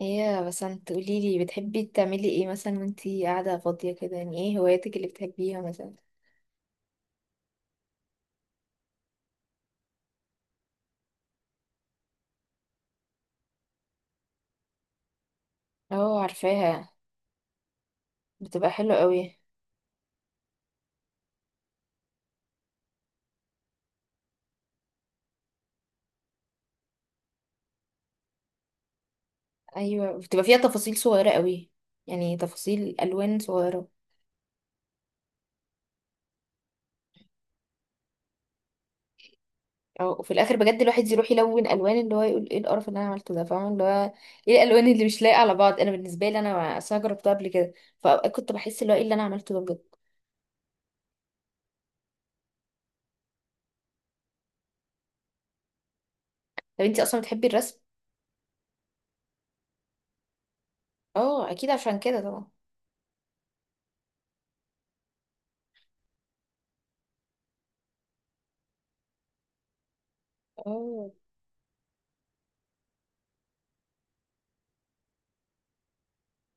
ايه يا بسنت، قوليلي بتحبي تعملي ايه مثلا وانتي قاعدة فاضية كده؟ يعني ايه هواياتك اللي بتحبيها مثلا؟ اه، عارفاها. بتبقى حلوة قوي. ايوه، بتبقى فيها تفاصيل صغيرة قوي. يعني تفاصيل الوان صغيرة. اه. وفي الاخر بجد الواحد يروح يلون الوان اللي هو يقول ايه القرف اللي انا عملته ده، فاهمة اللي هو ايه الالوان اللي مش لايقة على بعض. انا بالنسبة لي انا اصلا جربتها قبل كده، فاوقات كنت بحس اللي هو ايه اللي انا عملته ده بجد. طب انتي اصلا بتحبي الرسم؟ اه، اكيد عشان كده طبعا. اه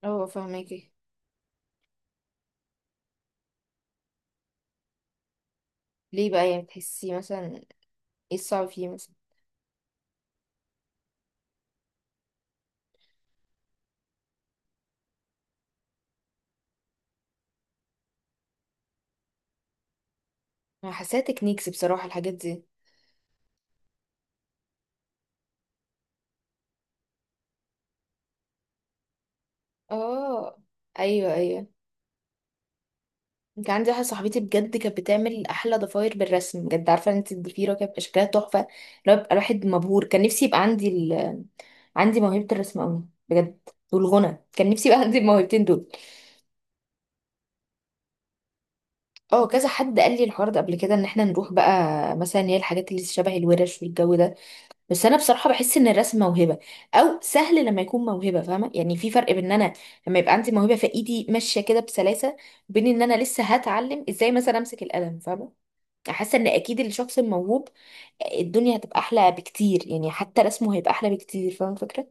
اه، فاهماكي. ليه بقى؟ يعني بتحسي مثلا ايه الصعب فيه مثلا؟ انا حاساها تكنيكس بصراحة الحاجات دي. اه، ايوه ايوه. كان عندي واحدة صاحبتي بجد كانت بتعمل احلى ضفاير بالرسم، بجد عارفة انت الضفيرة كانت بيبقى شكلها تحفة. لو بيبقى الواحد مبهور، كان نفسي يبقى عندي عندي موهبة الرسم قوي بجد. والغنى، كان نفسي يبقى عندي الموهبتين دول. اه، كذا حد قال لي الحوار ده قبل كده ان احنا نروح بقى مثلا هي الحاجات اللي شبه الورش والجو ده. بس انا بصراحه بحس ان الرسم موهبه، او سهل لما يكون موهبه، فاهمه؟ يعني في فرق بين ان انا لما يبقى عندي موهبه في ايدي ماشيه كده بسلاسه، وبين ان انا لسه هتعلم ازاي مثلا امسك القلم، فاهمه؟ حاسه ان اكيد الشخص الموهوب الدنيا هتبقى احلى بكتير، يعني حتى رسمه هيبقى احلى بكتير، فاهمه الفكره؟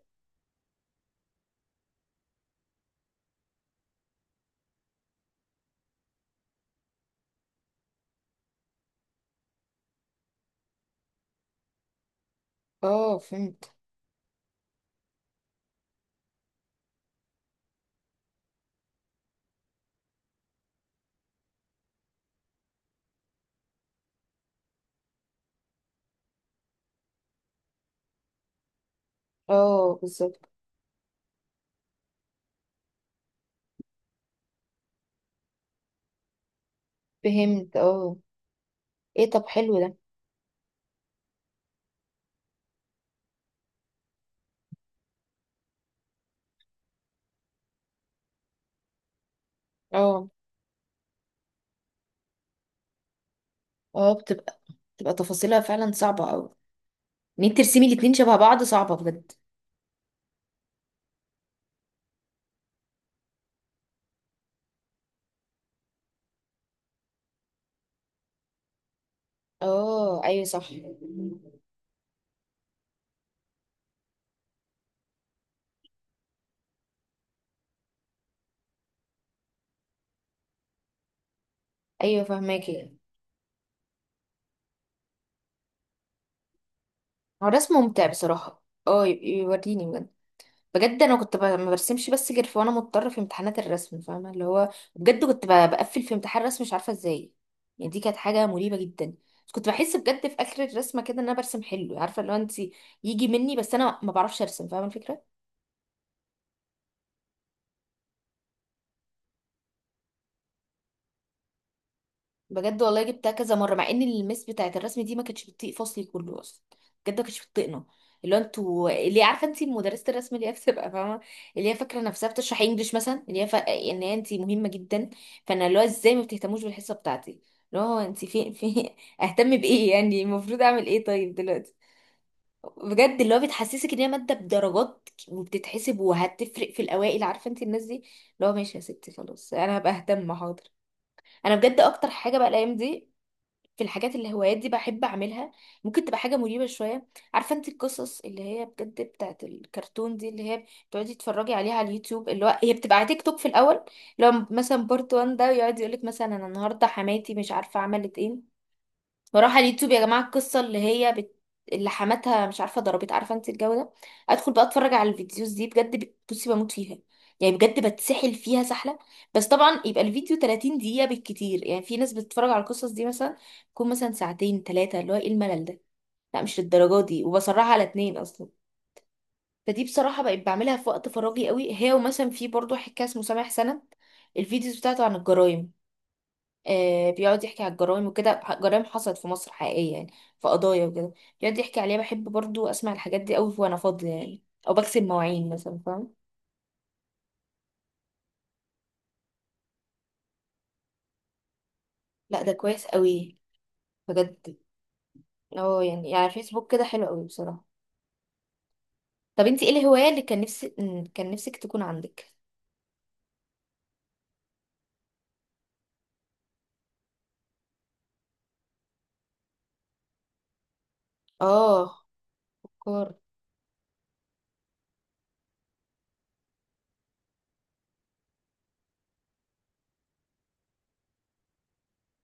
اه، فهمت. اه، بالظبط. فهمت. اه، ايه؟ طب حلو ده. اه اه، بتبقى تفاصيلها فعلا صعبه قوي. ان انت ترسمي الاتنين شبه بعض صعبه بجد. اه، ايوه صح. ايوه، فهماكي. هو رسم ممتع بصراحة. اه، يوريني بجد. بجد انا كنت ما برسمش بس غير وانا مضطرة في امتحانات الرسم، فاهمة اللي هو. بجد كنت بقفل في امتحان الرسم، مش عارفة ازاي. يعني دي كانت حاجة مريبة جدا. بس كنت بحس بجد في اخر الرسمة كده ان انا برسم حلو، عارفة اللي هو انت يجي مني، بس انا ما بعرفش ارسم، فاهمة الفكرة. بجد والله جبتها كذا مره، مع ان المس بتاعت الرسم دي ما كانتش بتطيق فصلي كله اصلا. بجد ما كانتش بتطيقنا. اللي هو انتوا اللي هي عارفه انت مدرسه الرسم اللي هي بتبقى فاهمه، اللي هي فاكره نفسها بتشرح انجليش مثلا، اللي هي ان هي انت مهمه جدا. فانا اللي هو ازاي ما بتهتموش بالحصه بتاعتي؟ اللي هو انت في اهتم بايه؟ يعني المفروض اعمل ايه طيب دلوقتي؟ بجد اللي هو بتحسسك ان هي ماده بدرجات وبتتحسب وهتفرق في الاوائل، عارفه انت الناس دي. اللي هو ماشي يا ستي، خلاص انا هبقى اهتم، حاضر. انا بجد اكتر حاجه بقى الايام دي في الحاجات اللي هوايات دي بحب اعملها. ممكن تبقى حاجه مريبه شويه. عارفه انت القصص اللي هي بجد بتاعت الكرتون دي، اللي هي بتقعدي تتفرجي عليها على اليوتيوب، اللي هو هي بتبقى على تيك توك في الاول. لو مثلا بارت 1 ده يقعد يقولك مثلا انا النهارده حماتي مش عارفه عملت ايه، واروح على اليوتيوب يا جماعه القصه اللي هي اللي حماتها مش عارفه ضربت، عارفه انت الجو ده. ادخل بقى اتفرج على الفيديوز دي بجد، بصي بموت فيها، يعني بجد بتسحل فيها سحله. بس طبعا يبقى الفيديو 30 دقيقه بالكتير. يعني في ناس بتتفرج على القصص دي مثلا تكون مثلا ساعتين ثلاثه، اللي هو ايه الملل ده؟ لا مش للدرجه دي، وبصراحه على اتنين اصلا. فدي بصراحه بقيت بعملها في وقت فراغي قوي، هي ومثلا في برضو حكايه اسمه سامح سند. الفيديوز بتاعته عن الجرايم، بيقعد يحكي على الجرائم وكده، جرائم حصلت في مصر حقيقية يعني، في قضايا وكده. بيقعد يحكي عليها، بحب برضو أسمع الحاجات دي أوي وأنا فاضية يعني، أو بغسل مواعين مثلا، فاهم. لا ده كويس أوي بجد. اه، يعني فيسبوك كده حلو أوي بصراحة. طب انتي ايه الهواية اللي كان نفسي كان نفسك تكون عندك؟ اه، فكار.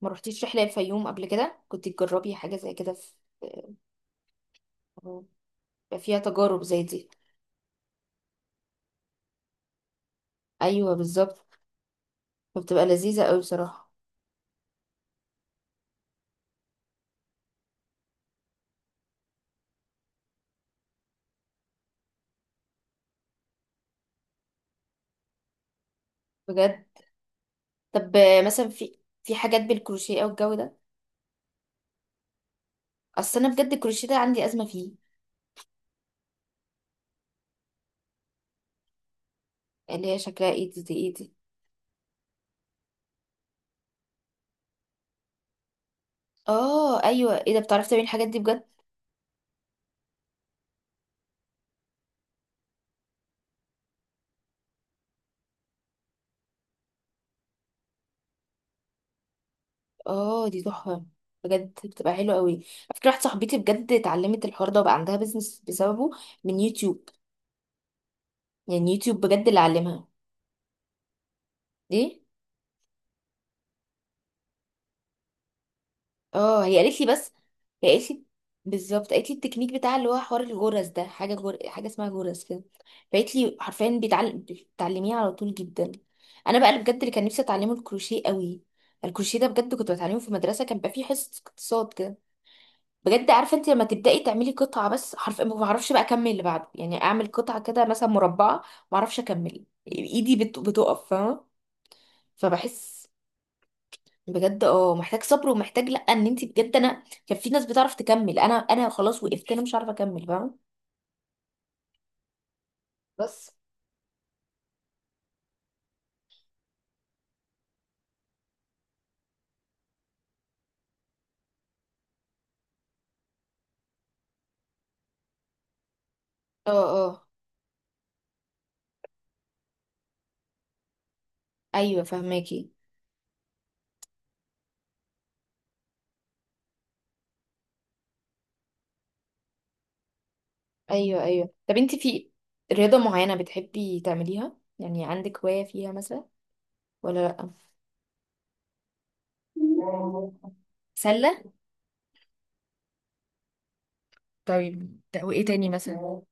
ما رحتيش رحلة الفيوم قبل كده؟ كنت تجربي حاجة زي كده. في بيبقى فيها تجارب زي دي. ايوه بالظبط. فبتبقى لذيذة أوي بصراحة. بجد. طب مثلا في في حاجات بالكروشيه او الجو ده؟ اصل انا بجد الكروشيه ده عندي ازمه فيه. اللي هي شكلها ايه دي؟ ايه دي؟ اه ايوه. ايه ده؟ بتعرفي تعملي الحاجات دي بجد؟ اه دي تحفه، بجد بتبقى حلوه قوي. على فكره واحده صاحبتي بجد اتعلمت الحوار ده وبقى عندها بيزنس بسببه، من يوتيوب. يعني يوتيوب بجد اللي علمها. ليه؟ اه هي قالت لي بس، هي قالت لي بالظبط قالت لي التكنيك بتاع اللي هو حوار الجرس ده، حاجه حاجه اسمها جرس كده. فقالت لي حرفيا بيتعلم، بتعلميه على طول جدا. انا بقى اللي بجد اللي كان نفسي اتعلمه الكروشيه قوي. الكروشيه ده بجد كنت بتعلمه في المدرسه، كان بقى فيه حصه اقتصاد كده. بجد عارفه انت لما تبداي تعملي قطعه بس، حرف ما بعرفش بقى اكمل اللي بعده، يعني اعمل قطعه كده مثلا مربعه، ما اعرفش اكمل. ايدي بتقف، فاهمه؟ فبحس بجد اه محتاج صبر، ومحتاج لا ان انت بجد انا كان في ناس بتعرف تكمل، انا خلاص وقفت، انا مش عارفه اكمل، فاهمه؟ بس اه اه، ايوه فهماكي. ايوه ايوه، طب انت في رياضه معينه بتحبي تعمليها؟ يعني عندك هوايه فيها مثلا ولا لا؟ سله. طيب وايه تاني مثلا؟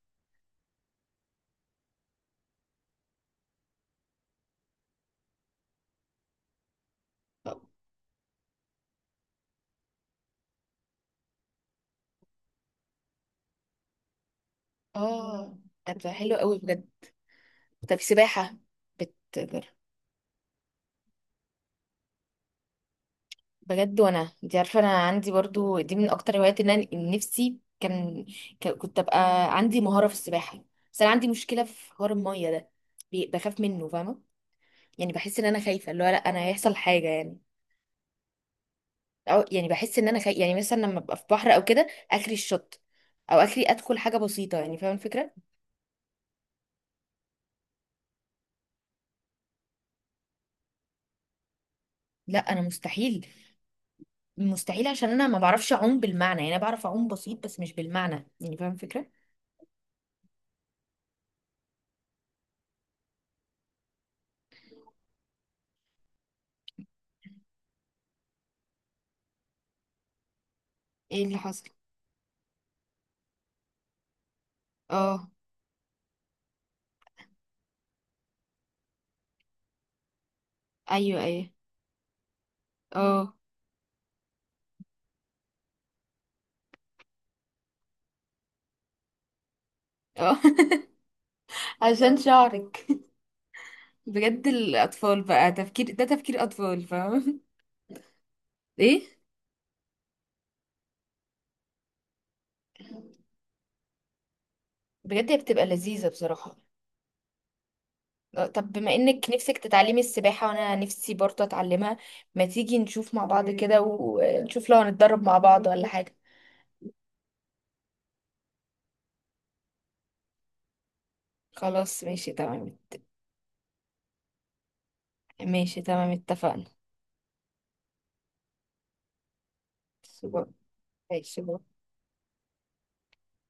اه. طب ده حلو قوي بجد. طب سباحة بتجرب؟ بجد وانا انت عارفه انا عندي برضو دي من اكتر هواياتي، ان انا إن نفسي كان كنت ابقى عندي مهاره في السباحه. بس انا عندي مشكله في حوار الميه ده، بخاف منه، فاهمه؟ يعني بحس ان انا خايفه اللي هو لا انا هيحصل حاجه يعني، او يعني بحس ان انا خايفه يعني مثلا لما ابقى في بحر او كده اخري الشط، او اخري ادخل حاجه بسيطه يعني، فاهمه الفكره؟ لا انا مستحيل. مستحيل، عشان انا ما بعرفش اعوم بالمعنى. يعني انا بعرف اعوم بسيط، بس مش بالمعنى يعني، فاهمه الفكره؟ ايه اللي حصل؟ اه ايوه ايوه. اه اه. عشان شعرك. بجد الأطفال بقى، تفكير ده تفكير أطفال، فاهم؟ ايه. بجد هي بتبقى لذيذة بصراحة. طب بما انك نفسك تتعلمي السباحة وانا نفسي برضه اتعلمها، ما تيجي نشوف مع بعض كده ونشوف لو هنتدرب مع بعض ولا حاجة؟ خلاص ماشي تمام. ماشي تمام، اتفقنا. ماشي.